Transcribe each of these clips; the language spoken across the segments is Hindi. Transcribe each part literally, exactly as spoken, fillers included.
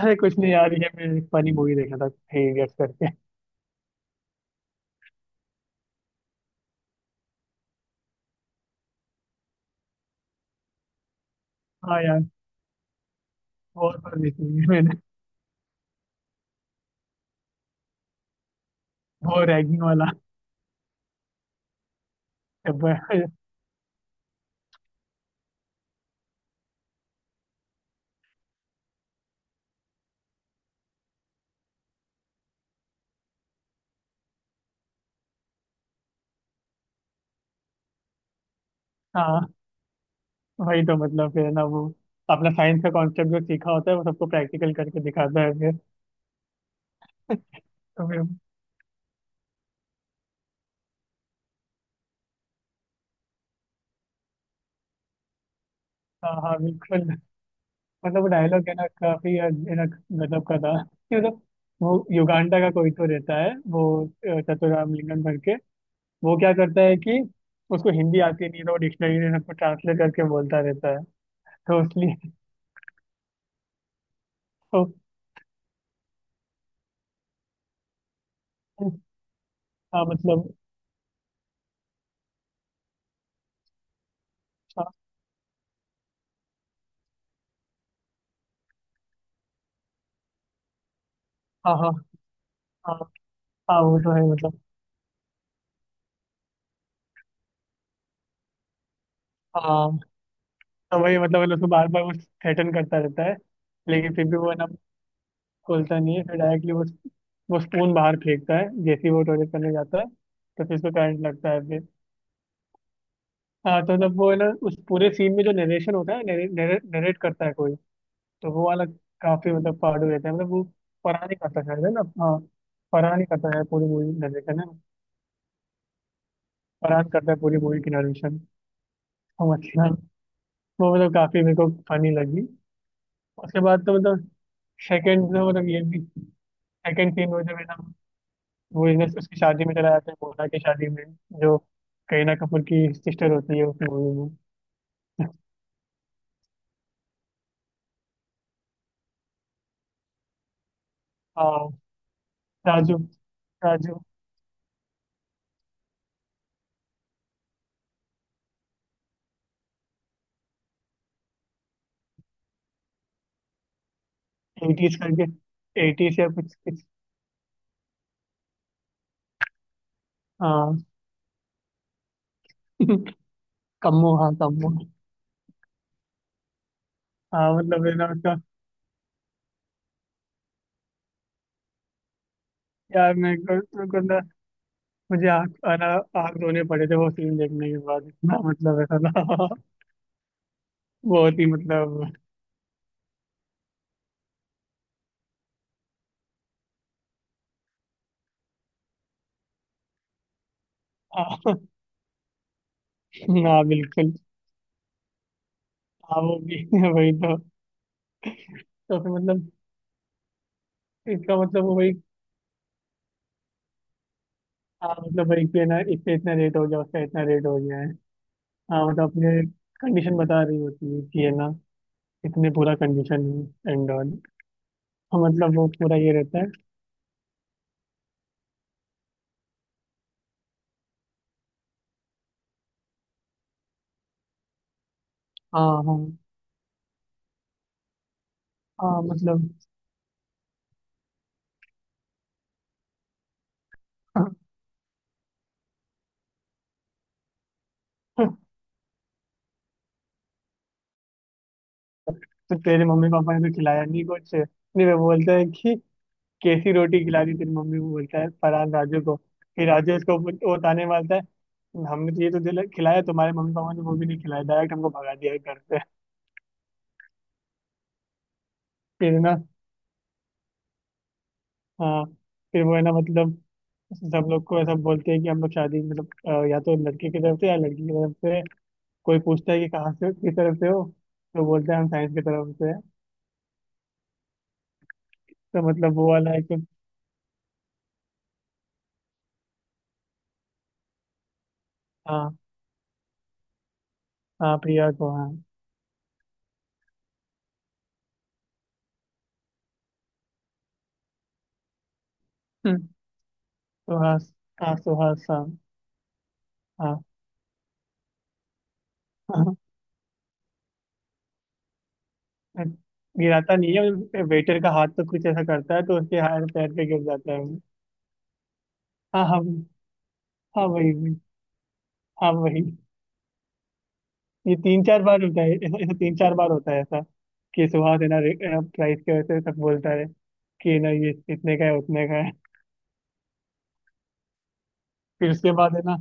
अरे कुछ नहीं यार, ये मैं एक फनी मूवी देखा था, थ्री इडियट्स करके। हाँ यार, बहुत बार देखी हुई है मैंने। वो रैगिंग वाला जब। हाँ वही तो, मतलब फिर ना वो अपना साइंस का कॉन्सेप्ट जो सीखा होता है वो सबको प्रैक्टिकल करके दिखाता है फिर। तो फिर हाँ हाँ बिल्कुल। मतलब वो डायलॉग है ना, काफी है ना, गजब का था कि मतलब वो युगांडा का कोई तो रहता है वो, अ, चतुराम लिंगम करके। वो क्या करता है कि उसको हिंदी आती नहीं, तो वो डिक्शनरी से सबको ट्रांसलेट करके बोलता रहता है, तो इसलिए। तो हाँ मतलब। हाँ हाँ हाँ हाँ हाँ, वो तो है मतलब। हाँ, तो वही मतलब मतलब उसको बार बार वो थ्रेटन करता रहता है। लेकिन फिर भी वो है ना, खोलता नहीं है। फिर डायरेक्टली वो वो स्पून बाहर फेंकता है। जैसे ही वो टॉयलेट करने जाता है तो फिर उसको करंट लगता है फिर। हाँ, तो मतलब वो है ना, उस पूरे सीन में जो नरेशन होता है, नरेट करता है कोई, तो वो वाला काफी मतलब फाड़ू रहता है। मतलब वो फरहान ही करता है शायद, है ना। हाँ, फरहान ही करता है पूरी मूवी नरेशन, है ना। फरहान करता है पूरी मूवी की नरेशन। समझ गया। वो मतलब काफी मेरे को फनी लगी। उसके बाद तो मतलब सेकंड तो मतलब, ये भी सेकंड सीन में जब है ना वो, इधर उसकी शादी में चला जाता है, मोना की शादी में, जो करीना कपूर की सिस्टर होती है उस मूवी में। हाँ, राजू। राजू। एटीज करके। एटीज या कुछ कुछ। हाँ कम्मो, हाँ कम्मो। हाँ मतलब, है ना उसका। यार मेरे को मेरे को ना, मुझे आँख आना, आँख रोने पड़े थे वो सीन देखने के बाद। इतना मतलब, ऐसा था बहुत ही मतलब हाँ बिल्कुल। हाँ वो भी वही तो। तो फिर मतलब, इसका मतलब वो वही। हाँ मतलब वही कि ना, इससे इतना रेट हो गया, उसका इतना रेट हो गया है। हाँ मतलब अपने कंडीशन बता रही होती है कि है ना, इतने पूरा कंडीशन है एंड ऑल। हाँ मतलब वो पूरा ये रहता है। हाँ हाँ। हाँ मतलब तो तेरे मम्मी पापा ने तो खिलाया नहीं कुछ। नहीं, वो बोलता है कि कैसी रोटी खिला दी तेरी मम्मी को, बोलता है फरहान राजू को। फिर राजू इसको वो ताने मारता है, हमने तो ये तो दिल खिलाया, तुम्हारे मम्मी पापा ने वो भी नहीं खिलाया, डायरेक्ट हमको भगा दिया है घर से। फिर ना, हाँ फिर वो है ना मतलब, सब लोग को ऐसा बोलते हैं कि हम लोग शादी मतलब, अ, या तो लड़के की तरफ से या लड़की की तरफ से। कोई पूछता है कि कहाँ से, किस तरफ से हो, तो बोलते हैं हम साइंस की तरफ से हैं। तो मतलब वो वाला है कि। हाँ, हाँ प्रिया को, हाँ। हम्म, सुहास। हाँ सुहास हाँ। हाँ गिराता नहीं है, वेटर का हाथ तो कुछ ऐसा करता है तो उसके हाथ पैर पे गिर जाता है वो। हाँ हाँ। हाँ वही वही। हाँ वही। ये तीन चार बार होता है ऐसा, ऐसा तीन चार बार होता है ऐसा कि सुहास है ना, प्राइस के वजह से सब बोलता है कि ना ये इतने का है, उतने का है। फिर उसके बाद है ना,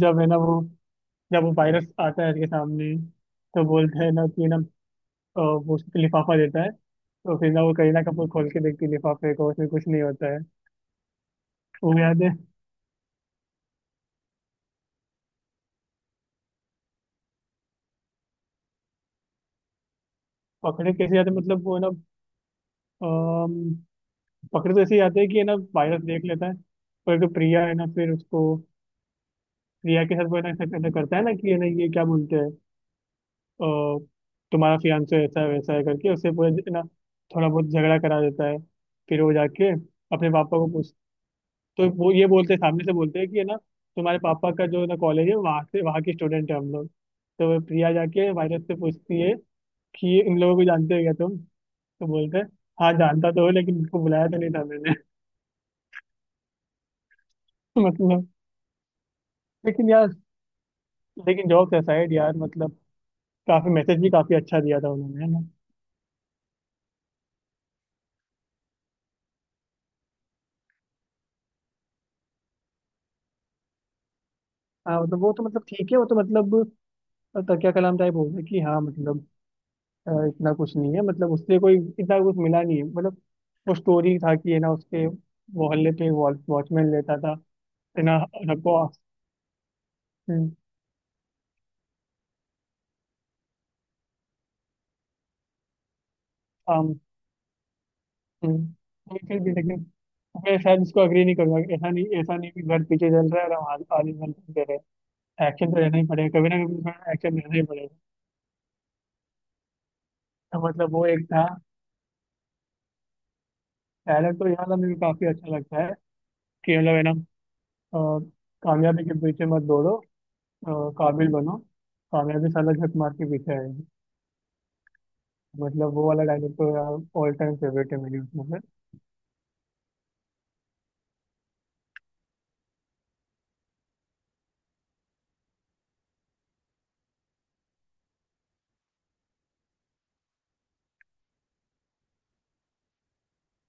जब है ना वो, जब वो वायरस आता है उसके सामने, तो बोलता है ना कि ना, अ, वो उसको लिफाफा देता है। तो फिर ना वो करीना कपूर खोल के देखती है लिफाफे को, उसमें कुछ नहीं होता है, वो याद है। पकड़े कैसे जाते मतलब वो ना, अम्म, पकड़े तो ऐसे ही आते हैं कि है ना वायरस देख लेता है। पर जो प्रिया है ना, फिर उसको, प्रिया के साथ वो है ना ऐसा ऐसा करता है ना कि है ना, ये क्या बोलते हैं, अ, तुम्हारा फियांसे ऐसा है वैसा है करके उससे पूरा है ना, थोड़ा बहुत झगड़ा करा देता है। फिर वो जाके अपने पापा को पूछ, तो वो ये बोलते हैं सामने से, बोलते हैं कि है ना, तुम्हारे पापा का जो है ना कॉलेज है, वहाँ से, वहाँ के स्टूडेंट है हम लोग। तो वो प्रिया जाके वायरस से पूछती है कि ये, इन लोगों को जानते हो क्या तुम, तो बोलते हैं हाँ जानता तो हो, लेकिन इनको बुलाया तो नहीं था मैंने। मतलब। लेकिन यार, लेकिन जॉब असाइड यार, मतलब काफी मैसेज भी काफी अच्छा दिया था उन्होंने, है ना। हाँ मतलब वो तो मतलब ठीक है, वो तो मतलब, अ, तकिया कलाम टाइप हो गया कि हाँ मतलब, अ, इतना कुछ नहीं है मतलब, उससे कोई इतना कुछ मिला नहीं है मतलब। वो स्टोरी था कि है ना, उसके मोहल्ले पे वॉचमैन लेता था, है ना सबको। हम्म, आम। हम्म, लेकिन भी लेकिन मैं शायद इसको अग्री नहीं करूंगा कि ऐसा नहीं, ऐसा नहीं कि घर पीछे चल रहा है और हम आगे आगे चल रहे हैं। एक्शन तो रहना ही पड़ेगा, कभी ना कभी एक्शन रहना ही पड़ेगा। तो मतलब वो एक था। डायलॉग तो यहाँ का मुझे काफी अच्छा लगता है कि, मतलब है ना, अ, कामयाबी के पीछे मत दौड़ो, अ, काबिल बनो, कामयाबी साला झक मार के पीछे आएगी। मतलब वो वाला डायलॉग तो यार ऑल टाइम फेवरेट है मेरी उसमें से।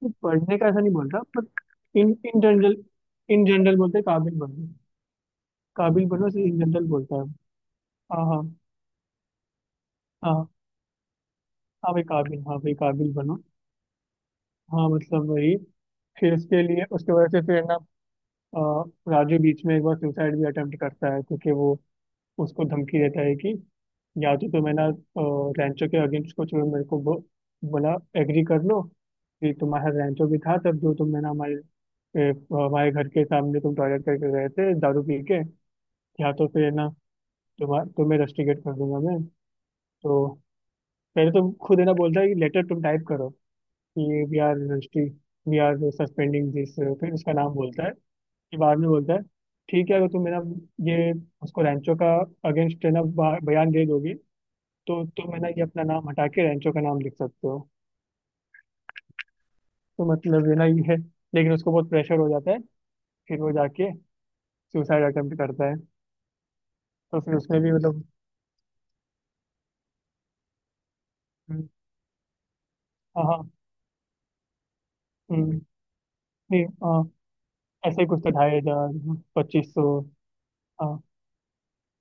तो पढ़ने का ऐसा नहीं बोल रहा, पर in in general, in general बोलते हैं काबिल बनो। काबिल बनो से इन जनरल बोलता है। हाँ हाँ। हाँ हाँ भाई काबिल, हाँ भाई काबिल बनो। हाँ मतलब वही। फिर उसके लिए, उसके वजह से फिर है ना, अ, राजू बीच में एक बार सुसाइड भी अटेम्प्ट करता है, क्योंकि वो उसको धमकी देता है कि या तो तुम है ना, अ, रैंचो के अगेंस्ट कुछ भी मेरे को बो- बोला, एग्री कर लो कि तुम्हारा रैंचो भी था तब जो तुम है ना हमारे, ए, हमारे घर के सामने तुम टॉयलेट करके गए थे दारू पी के, या तो फिर है ना तुम्हारा, तुम्हें रस्टिकेट कर दूंगा मैं। तो पहले तुम खुद है ना, बोलता है कि लेटर तुम टाइप करो कि we are rusty, we are suspending this. फिर उसका नाम बोलता है कि, बाद में बोलता है ठीक है, अगर तुम मेरा ये उसको रैंचो का अगेंस्ट है ना बा- बयान दे दोगे, तो तुम है ना ये अपना नाम हटा के रेंचो का नाम लिख सकते हो। तो मतलब ये ना ये है। लेकिन उसको बहुत प्रेशर हो जाता है, फिर वो जाके सुसाइड अटेम्प्ट करता है। तो फिर उसमें भी मतलब। हम्म, हाँ हाँ। हम्म, नहीं हाँ, ऐसे ही कुछ तो, ढाई हजार, पच्चीस सौ। हाँ।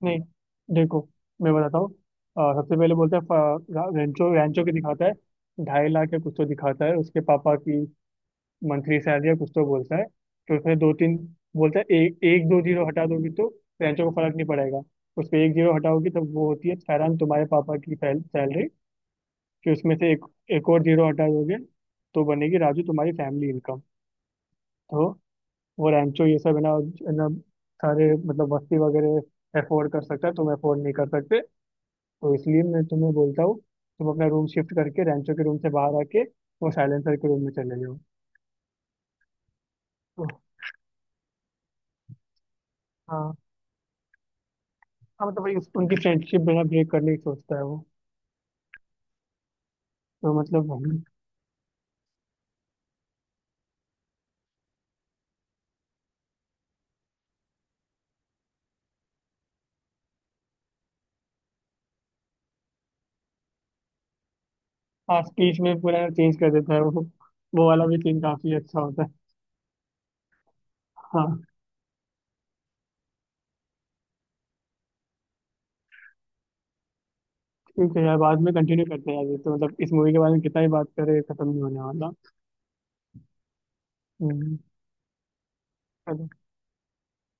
नहीं, देखो मैं बताता हूँ। अ, सबसे पहले बोलते हैं फ- रा- रेंचो, रेंचो की दिखाता है ढाई लाख या कुछ तो दिखाता है उसके पापा की मंथली सैलरी या कुछ तो बोलता है। तो उसमें दो तीन बोलता है, एक एक दो जीरो हटा दोगी तो रेंचो को फर्क नहीं पड़ेगा। उसमें एक जीरो हटाओगी तब वो होती है फैरान तुम्हारे पापा की सैलरी। फिर उसमें से एक एक और जीरो हटा दोगे, तो बनेगी राजू तुम्हारी फैमिली इनकम। तो वो रेंचो ये सब है ना, है ना, सारे मतलब वस्ती वगैरह अफोर्ड कर सकता है, तुम अफोर्ड नहीं कर सकते। तो इसलिए मैं तुम्हें बोलता हूँ, तुम अपना रूम शिफ्ट करके रेंचो के रूम से बाहर आके वो साइलेंसर के रूम में चले जाओ। तो हाँ। हाँ मतलब इस-, उनकी फ्रेंडशिप बिना ब्रेक करने की सोचता है वो। तो मतलब हम-। हाँ, स्पीच में पूरा चेंज कर देता है वो। वो वाला भी सीन काफी अच्छा होता है। हाँ ठीक है यार, बाद में कंटिन्यू करते हैं यार। ये तो मतलब इस मूवी के बारे में कितना ही बात करें खत्म नहीं होने वाला। हम्म, चलो।